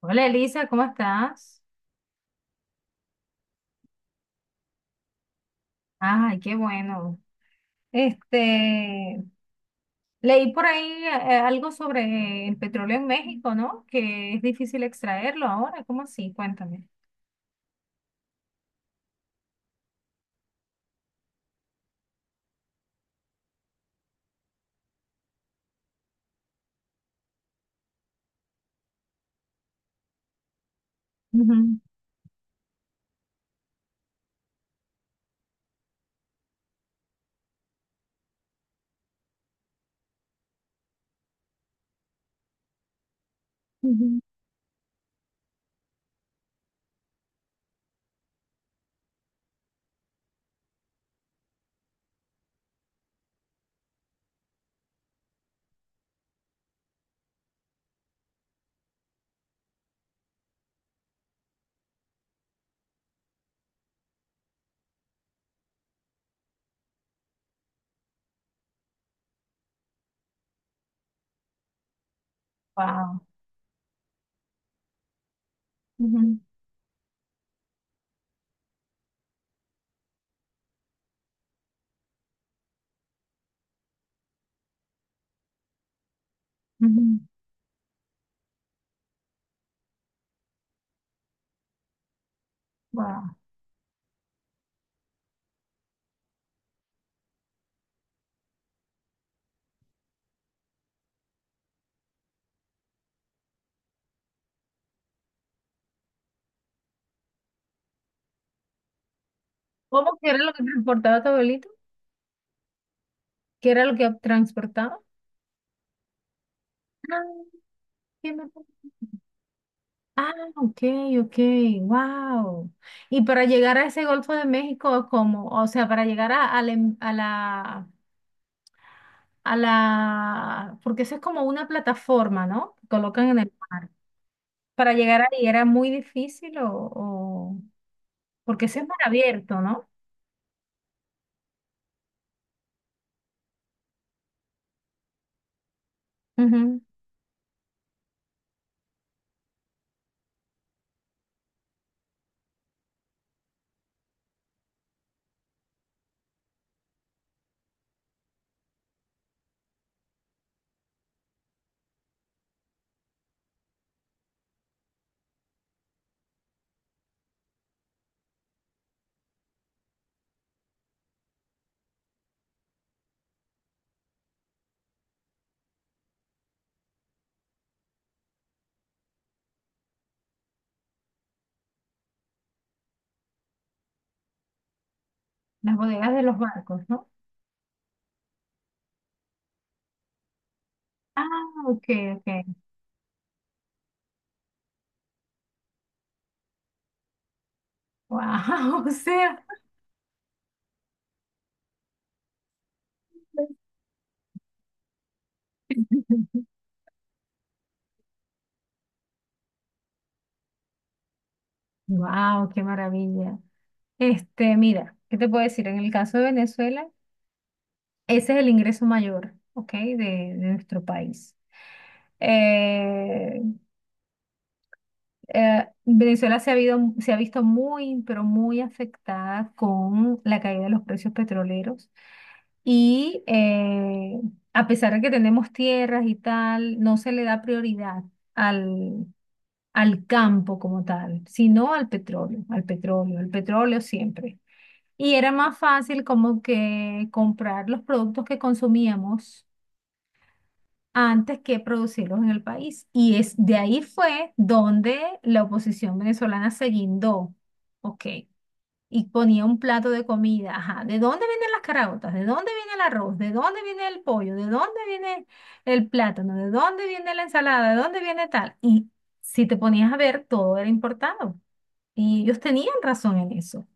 Hola Elisa, ¿cómo estás? Ay, qué bueno. Este, leí por ahí algo sobre el petróleo en México, ¿no? Que es difícil extraerlo ahora, ¿cómo así? Cuéntame. Ujú. Wow. Ujú. Wow. ¿Cómo que era lo que transportaba tu abuelito? ¿Qué era lo que transportaba? Ah, qué me- ah, ok, ok, wow. Y para llegar a ese Golfo de México, ¿cómo? O sea, para llegar a la, porque eso es como una plataforma, ¿no? Que colocan en el mar. Para llegar ahí era muy difícil o, o- porque eso es mar abierto, ¿no? Ujú. Las bodegas de los barcos, ¿no? Ah, ok, ok. Wow, o sea, wow, qué maravilla. Este, mira, ¿qué te puedo decir? En el caso de Venezuela, ese es el ingreso mayor, ¿ok? De nuestro país. Eh, Venezuela se ha visto muy, pero muy afectada con la caída de los precios petroleros. Y a pesar de que tenemos tierras y tal, no se le da prioridad al, al campo como tal, sino al petróleo, al petróleo, al petróleo siempre. Y era más fácil como que comprar los productos que consumíamos antes que producirlos en el país. Y es de ahí fue donde la oposición venezolana se guindó, ¿ok? Y ponía un plato de comida, ajá, ¿de dónde vienen las caraotas? ¿De dónde viene el arroz? ¿De dónde viene el pollo? ¿De dónde viene el plátano? ¿De dónde viene la ensalada? ¿De dónde viene tal? Y si te ponías a ver, todo era importado. Y ellos tenían razón en eso.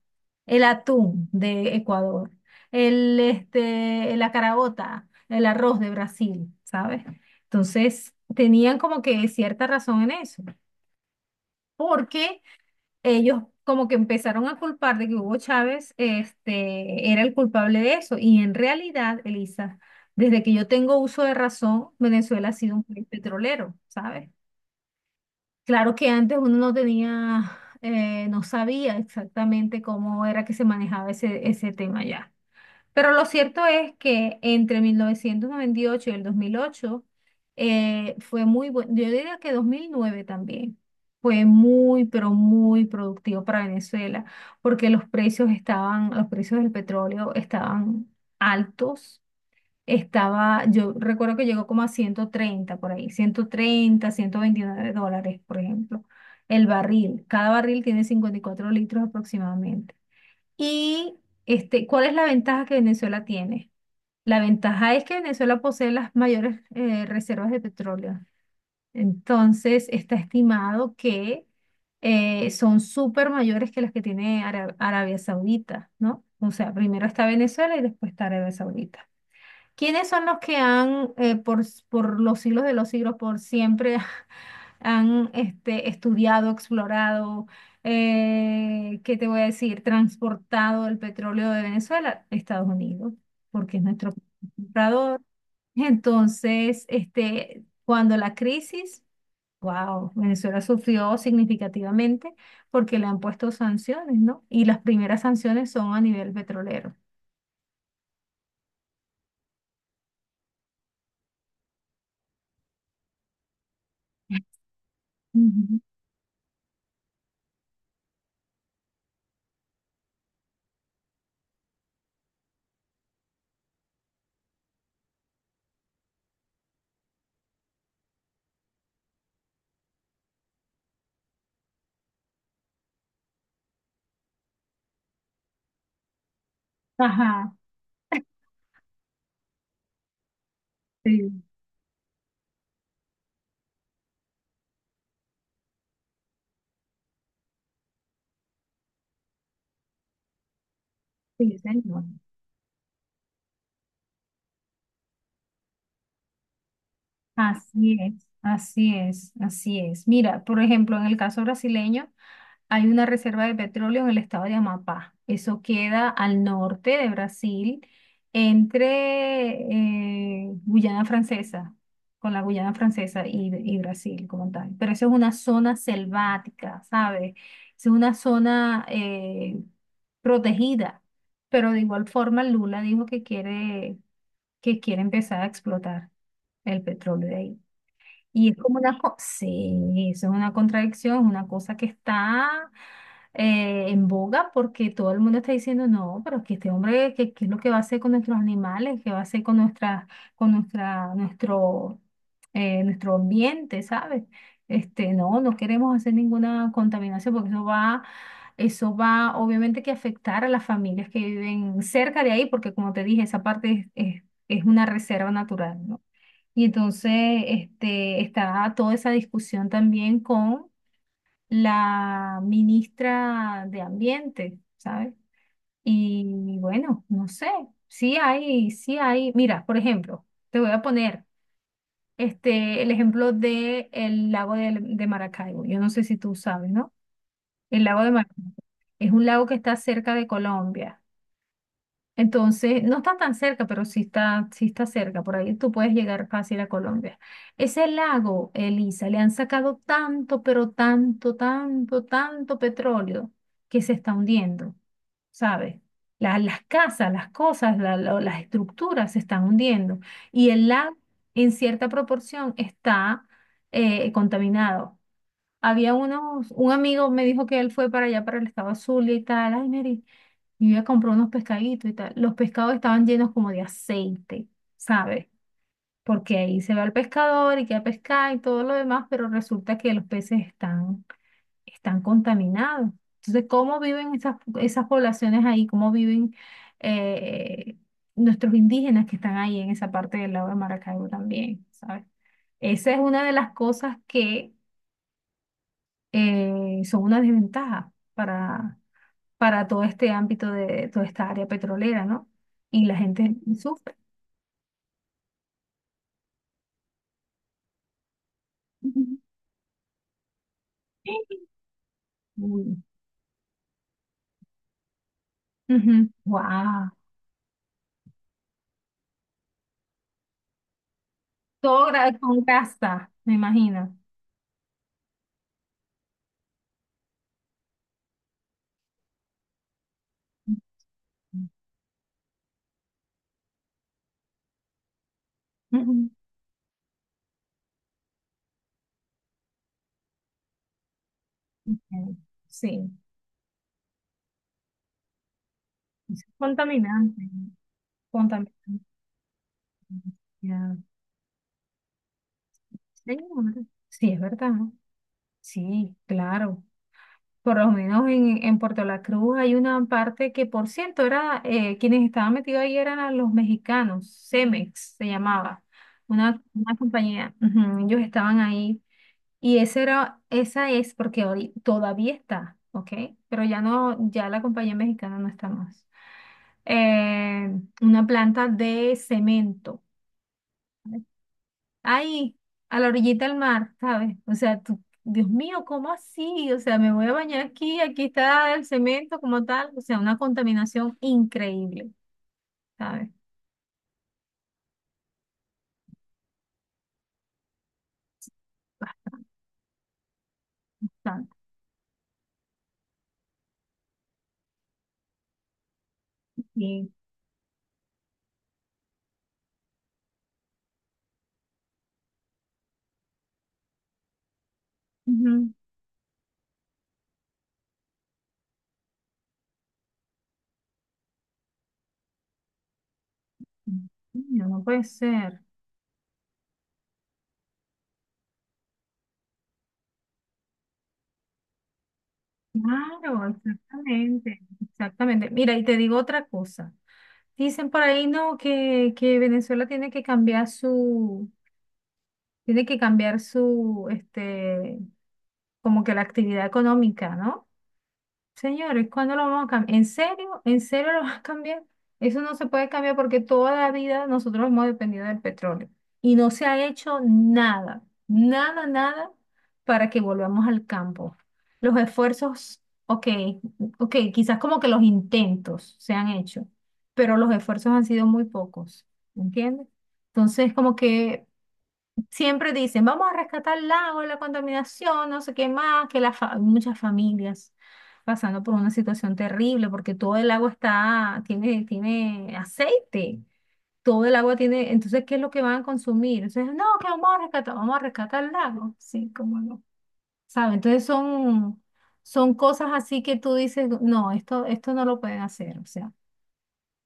El atún de Ecuador, el, este, la carabota, el arroz de Brasil, ¿sabes? Entonces, tenían como que cierta razón en eso, porque ellos como que empezaron a culpar de que Hugo Chávez, este, era el culpable de eso. Y en realidad, Elisa, desde que yo tengo uso de razón, Venezuela ha sido un país petrolero, ¿sabes? Claro que antes uno no tenía, no sabía exactamente cómo era que se manejaba ese tema ya. Pero lo cierto es que entre 1998 y el 2008 fue muy bueno, yo diría que 2009 también, fue muy, pero muy productivo para Venezuela, porque los precios del petróleo estaban altos. Yo recuerdo que llegó como a 130 por ahí, 130, $129, por ejemplo, el barril. Cada barril tiene 54 litros aproximadamente. Y este, ¿cuál es la ventaja que Venezuela tiene? La ventaja es que Venezuela posee las mayores reservas de petróleo. Entonces, está estimado que son súper mayores que las que tiene Arabia Saudita, ¿no? O sea, primero está Venezuela y después está Arabia Saudita. ¿Quiénes son los que han, por los siglos de los siglos, por siempre, han estudiado, explorado, ¿qué te voy a decir? Transportado el petróleo de Venezuela, Estados Unidos, porque es nuestro comprador. Entonces, este, cuando la crisis, wow, Venezuela sufrió significativamente porque le han puesto sanciones, ¿no? Y las primeras sanciones son a nivel petrolero. Ujú. Ajá, sí, sí, señor. Así es, así es, así es. Mira, por ejemplo, en el caso brasileño, hay una reserva de petróleo en el estado de Amapá. Eso queda al norte de Brasil, entre Guyana Francesa, con la Guyana Francesa y Brasil como tal. Pero eso es una zona selvática, ¿sabes? Es una zona protegida. Pero de igual forma, Lula dijo que quiere empezar a explotar el petróleo de ahí. Y es como una co sí, eso es una contradicción, una cosa que está en boga porque todo el mundo está diciendo, no, pero es que este hombre, ¿qué es lo que va a hacer con nuestros animales? ¿Qué va a hacer con con nuestra, nuestro, nuestro ambiente, ¿sabes? Este, no, no queremos hacer ninguna contaminación porque eso va obviamente que afectar a las familias que viven cerca de ahí, porque como te dije, esa parte es, es una reserva natural, ¿no? Y entonces este, estaba toda esa discusión también con la ministra de Ambiente, ¿sabes? Y bueno, no sé, sí hay, sí hay. Mira, por ejemplo, te voy a poner este, el ejemplo de el lago de Maracaibo. Yo no sé si tú sabes, ¿no? El lago de Maracaibo es un lago que está cerca de Colombia. Entonces, no está tan cerca, pero sí está cerca. Por ahí tú puedes llegar fácil a Colombia. Ese lago, Elisa, le han sacado tanto, pero tanto, tanto, tanto petróleo que se está hundiendo, ¿sabes? Las casas, las cosas, las estructuras se están hundiendo. Y el lago, en cierta proporción, está contaminado. Había un amigo me dijo que él fue para allá, para el estado Zulia y tal. Ay, Mary. Y yo iba a unos pescaditos y tal. Los pescados estaban llenos como de aceite, ¿sabes? Porque ahí se va el pescador y queda pescar y todo lo demás, pero resulta que los peces están, están contaminados. Entonces, ¿cómo viven esas, esas poblaciones ahí? ¿Cómo viven eh, nuestros indígenas que están ahí en esa parte del lago de Maracaibo también, ¿sabes? Esa es una de las cosas que son una desventaja para todo este ámbito de toda esta área petrolera, ¿no? Y la gente sufre. Uy. Ujú. Guau. Todo con casa, me imagino. Ujú. Ujú. Ok. Sí, es contaminante, ¿no? Contaminante. Ya. Señor. Sí, es verdad. Sí, claro. Por lo menos en Puerto La Cruz hay una parte que, por cierto, era, quienes estaban metidos ahí eran a los mexicanos, Cemex se llamaba, una compañía, ujú, ellos estaban ahí y ese era, esa es porque todavía está, ¿ok? Pero ya no, ya la compañía mexicana no está más. Eh, una planta de cemento ahí, a la orillita del mar, ¿sabes? O sea, tú, Dios mío, ¿cómo así? O sea, me voy a bañar aquí, aquí está el cemento como tal, o sea, una contaminación increíble, ¿sabes? Bastante. Sí. Ujú. No, no puede ser. Claro, exactamente, exactamente. Mira, y te digo otra cosa. Dicen por ahí, no, que Venezuela tiene que cambiar su, tiene que cambiar su, este, como que la actividad económica, ¿no? Señores, ¿cuándo lo vamos a cambiar? ¿En serio? ¿En serio lo vas a cambiar? Eso no se puede cambiar porque toda la vida nosotros hemos dependido del petróleo y no se ha hecho nada, nada, nada para que volvamos al campo. Los esfuerzos, ok, ok, quizás como que los intentos se han hecho, pero los esfuerzos han sido muy pocos, ¿entiendes? Entonces, como que siempre dicen, vamos a rescatar el lago, la contaminación, no sé qué más, que muchas familias pasando por una situación terrible, porque todo el agua tiene, aceite, todo el agua tiene, entonces, ¿qué es lo que van a consumir? Entonces, no, que vamos a rescatar el lago, sí, cómo no, ¿sabes? Entonces son cosas así que tú dices, no, esto no lo pueden hacer, o sea.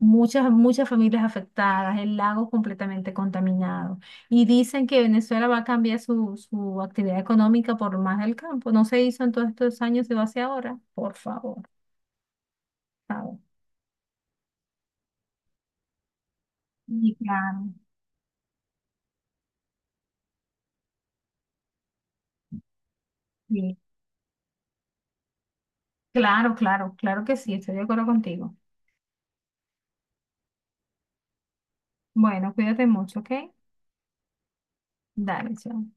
Muchas, muchas familias afectadas, el lago completamente contaminado. Y dicen que Venezuela va a cambiar su actividad económica por más del campo. No se hizo en todos estos años, se va a hacer ahora. Por favor, por favor. Y claro, sí. Claro, claro, claro que sí, estoy de acuerdo contigo. Bueno, cuídate mucho, ¿ok? Dale, chao.